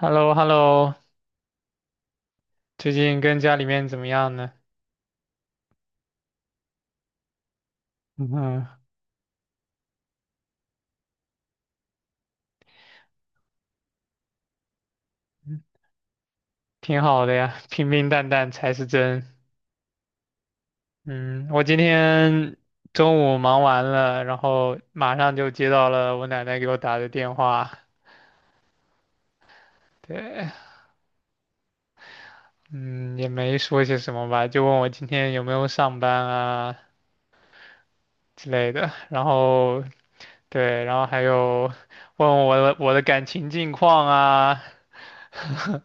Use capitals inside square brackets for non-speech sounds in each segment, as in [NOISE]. h e l l o h e l l o 最近跟家里面怎么样呢？嗯，挺好的呀，平平淡淡才是真。嗯，我今天中午忙完了，然后马上就接到了我奶奶给我打的电话。对，嗯，也没说些什么吧，就问我今天有没有上班啊之类的。然后对，然后还有问我的感情近况啊，[LAUGHS]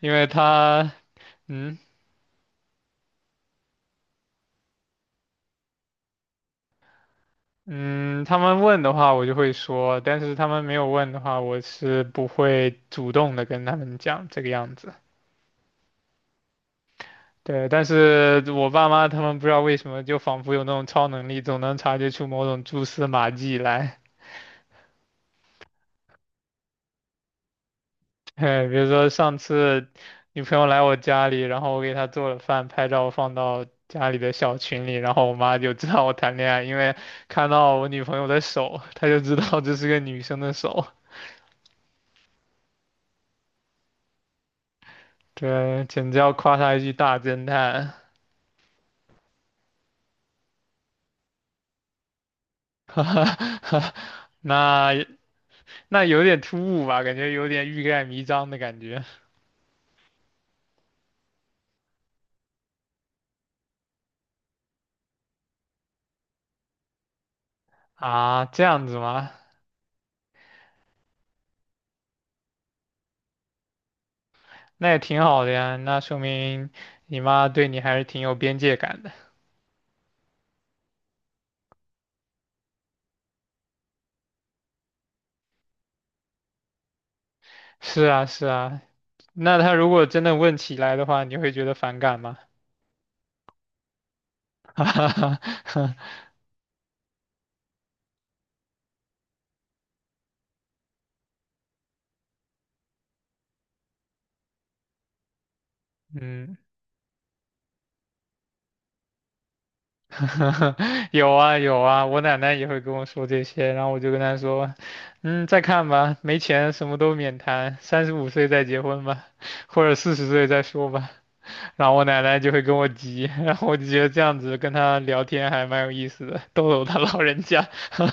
因为她。嗯，嗯，他们问的话我就会说，但是他们没有问的话，我是不会主动的跟他们讲这个样子。对，但是我爸妈他们不知道为什么，就仿佛有那种超能力，总能察觉出某种蛛丝马迹来。[LAUGHS] 哎，比如说上次女朋友来我家里，然后我给她做了饭，拍照放到家里的小群里，然后我妈就知道我谈恋爱，因为看到我女朋友的手，她就知道这是个女生的手。对，简直要夸她一句大侦探。[LAUGHS] 那有点突兀吧，感觉有点欲盖弥彰的感觉啊，这样子吗？那也挺好的呀，那说明你妈对你还是挺有边界感的。是啊，是啊，那她如果真的问起来的话，你会觉得反感吗？[LAUGHS] 哈哈哈，嗯，[LAUGHS] 有啊有啊，我奶奶也会跟我说这些，然后我就跟她说，嗯，再看吧，没钱什么都免谈，35岁再结婚吧，或者40岁再说吧。然后我奶奶就会跟我急，[LAUGHS] 然后我就觉得这样子跟她聊天还蛮有意思的，逗逗她老人家。[LAUGHS]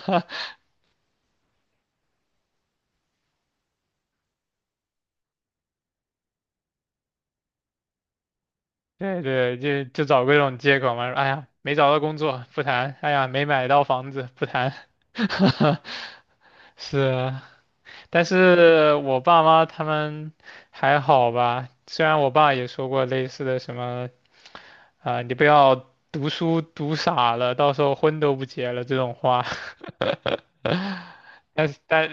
对对，就找各种借口嘛，说哎呀没找到工作不谈，哎呀没买到房子不谈。[LAUGHS] 是啊，但是我爸妈他们还好吧，虽然我爸也说过类似的什么啊、你不要读书读傻了，到时候婚都不结了这种话，[LAUGHS] 但是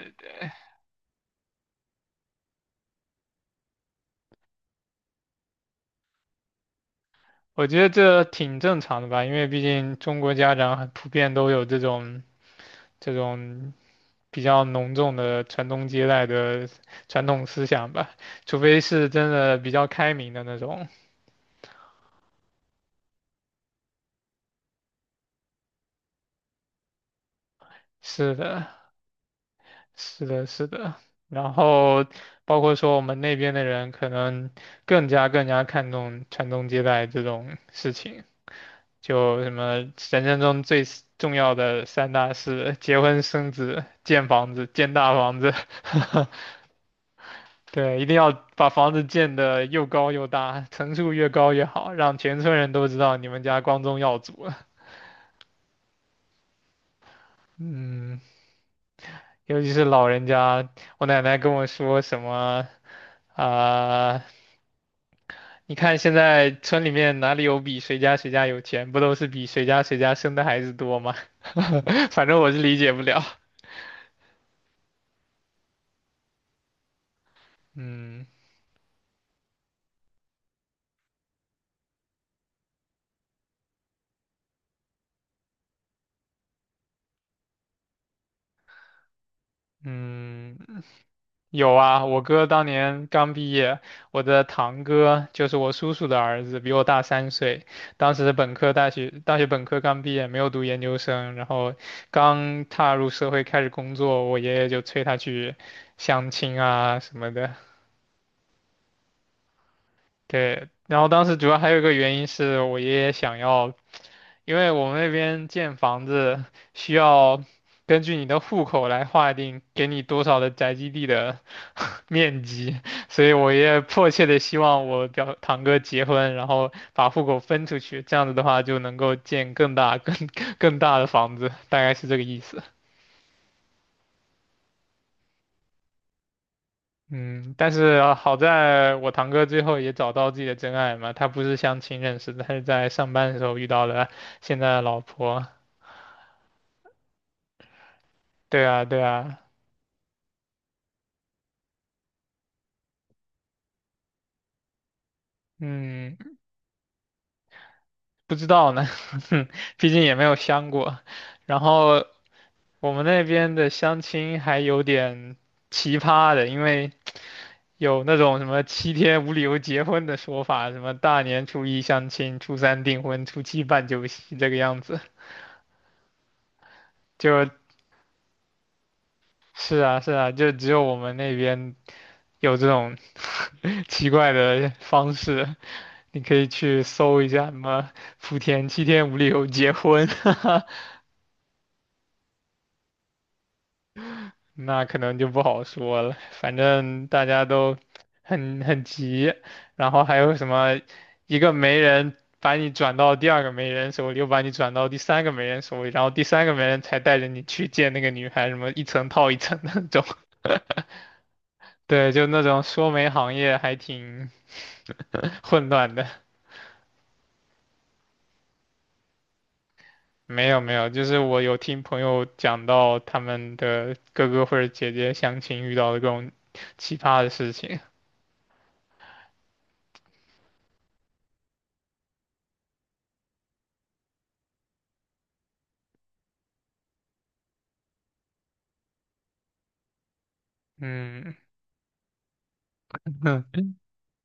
我觉得这挺正常的吧，因为毕竟中国家长很普遍都有这种这种比较浓重的传宗接代的传统思想吧，除非是真的比较开明的那种。是的，是的，是的。然后包括说我们那边的人可能更加看重传宗接代这种事情，就什么人生中最重要的三大事：结婚、生子、建房子、建大房子。[LAUGHS] 对，一定要把房子建得又高又大，层数越高越好，让全村人都知道你们家光宗耀祖了。嗯，尤其是老人家，我奶奶跟我说什么啊、你看现在村里面哪里有比谁家谁家有钱，不都是比谁家谁家生的孩子多吗？[LAUGHS] 反正我是理解不了。嗯。嗯，有啊，我哥当年刚毕业，我的堂哥就是我叔叔的儿子，比我大3岁。当时本科大学，大学本科刚毕业，没有读研究生，然后刚踏入社会开始工作，我爷爷就催他去相亲啊什么的。对，然后当时主要还有一个原因是我爷爷想要。因为我们那边建房子需要根据你的户口来划定给你多少的宅基地的 [LAUGHS] 面积，所以我也迫切的希望我表堂哥结婚，然后把户口分出去，这样子的话就能够建更大、更 [LAUGHS] 更大的房子，大概是这个意思。嗯，但是啊好在我堂哥最后也找到自己的真爱嘛，他不是相亲认识的，他是在上班的时候遇到了现在的老婆。对啊，对啊，嗯。不知道呢，[LAUGHS] 毕竟也没有相过。然后我们那边的相亲还有点奇葩的，因为有那种什么七天无理由结婚的说法，什么大年初一相亲，初三订婚，初七办酒席这个样子。就是啊，是啊，就只有我们那边有这种 [LAUGHS] 奇怪的方式，你可以去搜一下什么“福田七天无理由结婚” [LAUGHS] 那可能就不好说了，反正大家都很急，然后还有什么一个媒人把你转到第二个媒人手里，又把你转到第三个媒人手里，然后第三个媒人才带着你去见那个女孩，什么一层套一层的那种。[LAUGHS] 对，就那种说媒行业还挺 [LAUGHS] 混乱的。没有没有，就是我有听朋友讲到他们的哥哥或者姐姐相亲遇到的各种奇葩的事情。嗯。[LAUGHS]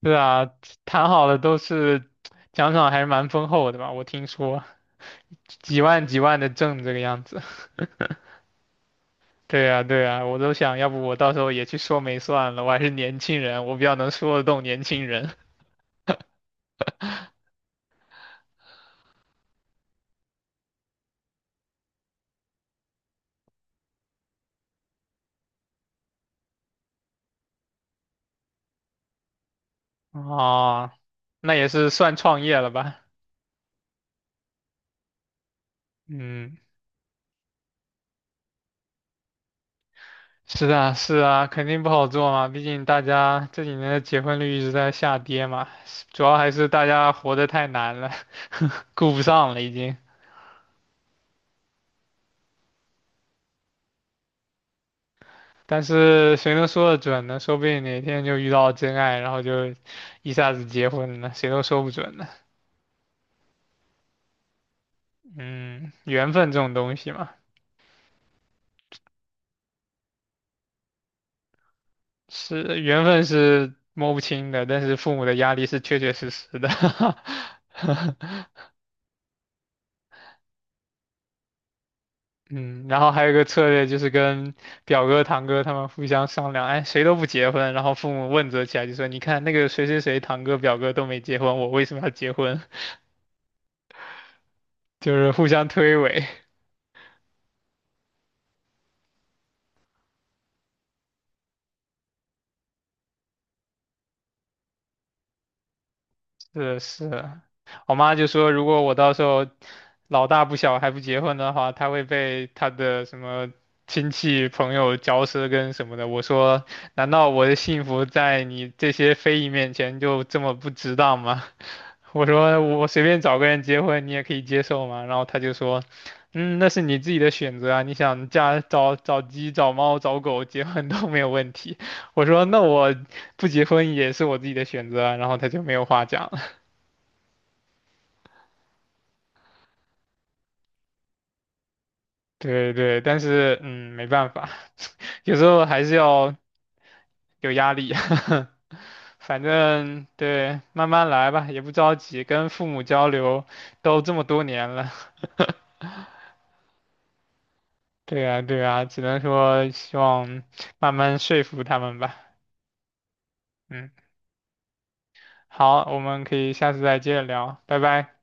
对啊，谈好了都是奖赏还是蛮丰厚的吧？我听说几万几万的挣这个样子。[LAUGHS] 对啊，对啊，我都想要不我到时候也去说媒算了，我还是年轻人，我比较能说得动年轻人。啊，那也是算创业了吧？嗯，是啊，是啊，肯定不好做嘛，毕竟大家这几年的结婚率一直在下跌嘛，主要还是大家活得太难了，[LAUGHS] 顾不上了已经。但是谁能说得准呢？说不定哪天就遇到真爱，然后就一下子结婚了，谁都说不准呢。嗯，缘分这种东西嘛，是缘分是摸不清的，但是父母的压力是确确实实的。[LAUGHS] 嗯，然后还有一个策略就是跟表哥、堂哥他们互相商量，哎，谁都不结婚，然后父母问责起来，就说你看那个谁谁谁堂哥、表哥都没结婚，我为什么要结婚？[LAUGHS] 就是互相推诿。是是，我妈就说，如果我到时候老大不小还不结婚的话，她会被她的什么亲戚朋友嚼舌根什么的。我说，难道我的幸福在你这些非议面前就这么不值当吗？[LAUGHS] 我说我随便找个人结婚，你也可以接受吗？然后她就说，嗯，那是你自己的选择啊，你想嫁找找鸡、找猫、找狗结婚都没有问题。[LAUGHS] 我说那我不结婚也是我自己的选择啊，然后她就没有话讲。对对，但是嗯，没办法，[LAUGHS] 有时候还是要有压力。[LAUGHS] 反正对，慢慢来吧，也不着急，跟父母交流都这么多年了。[LAUGHS] 对呀对呀，只能说希望慢慢说服他们吧。嗯，好，我们可以下次再接着聊，拜拜。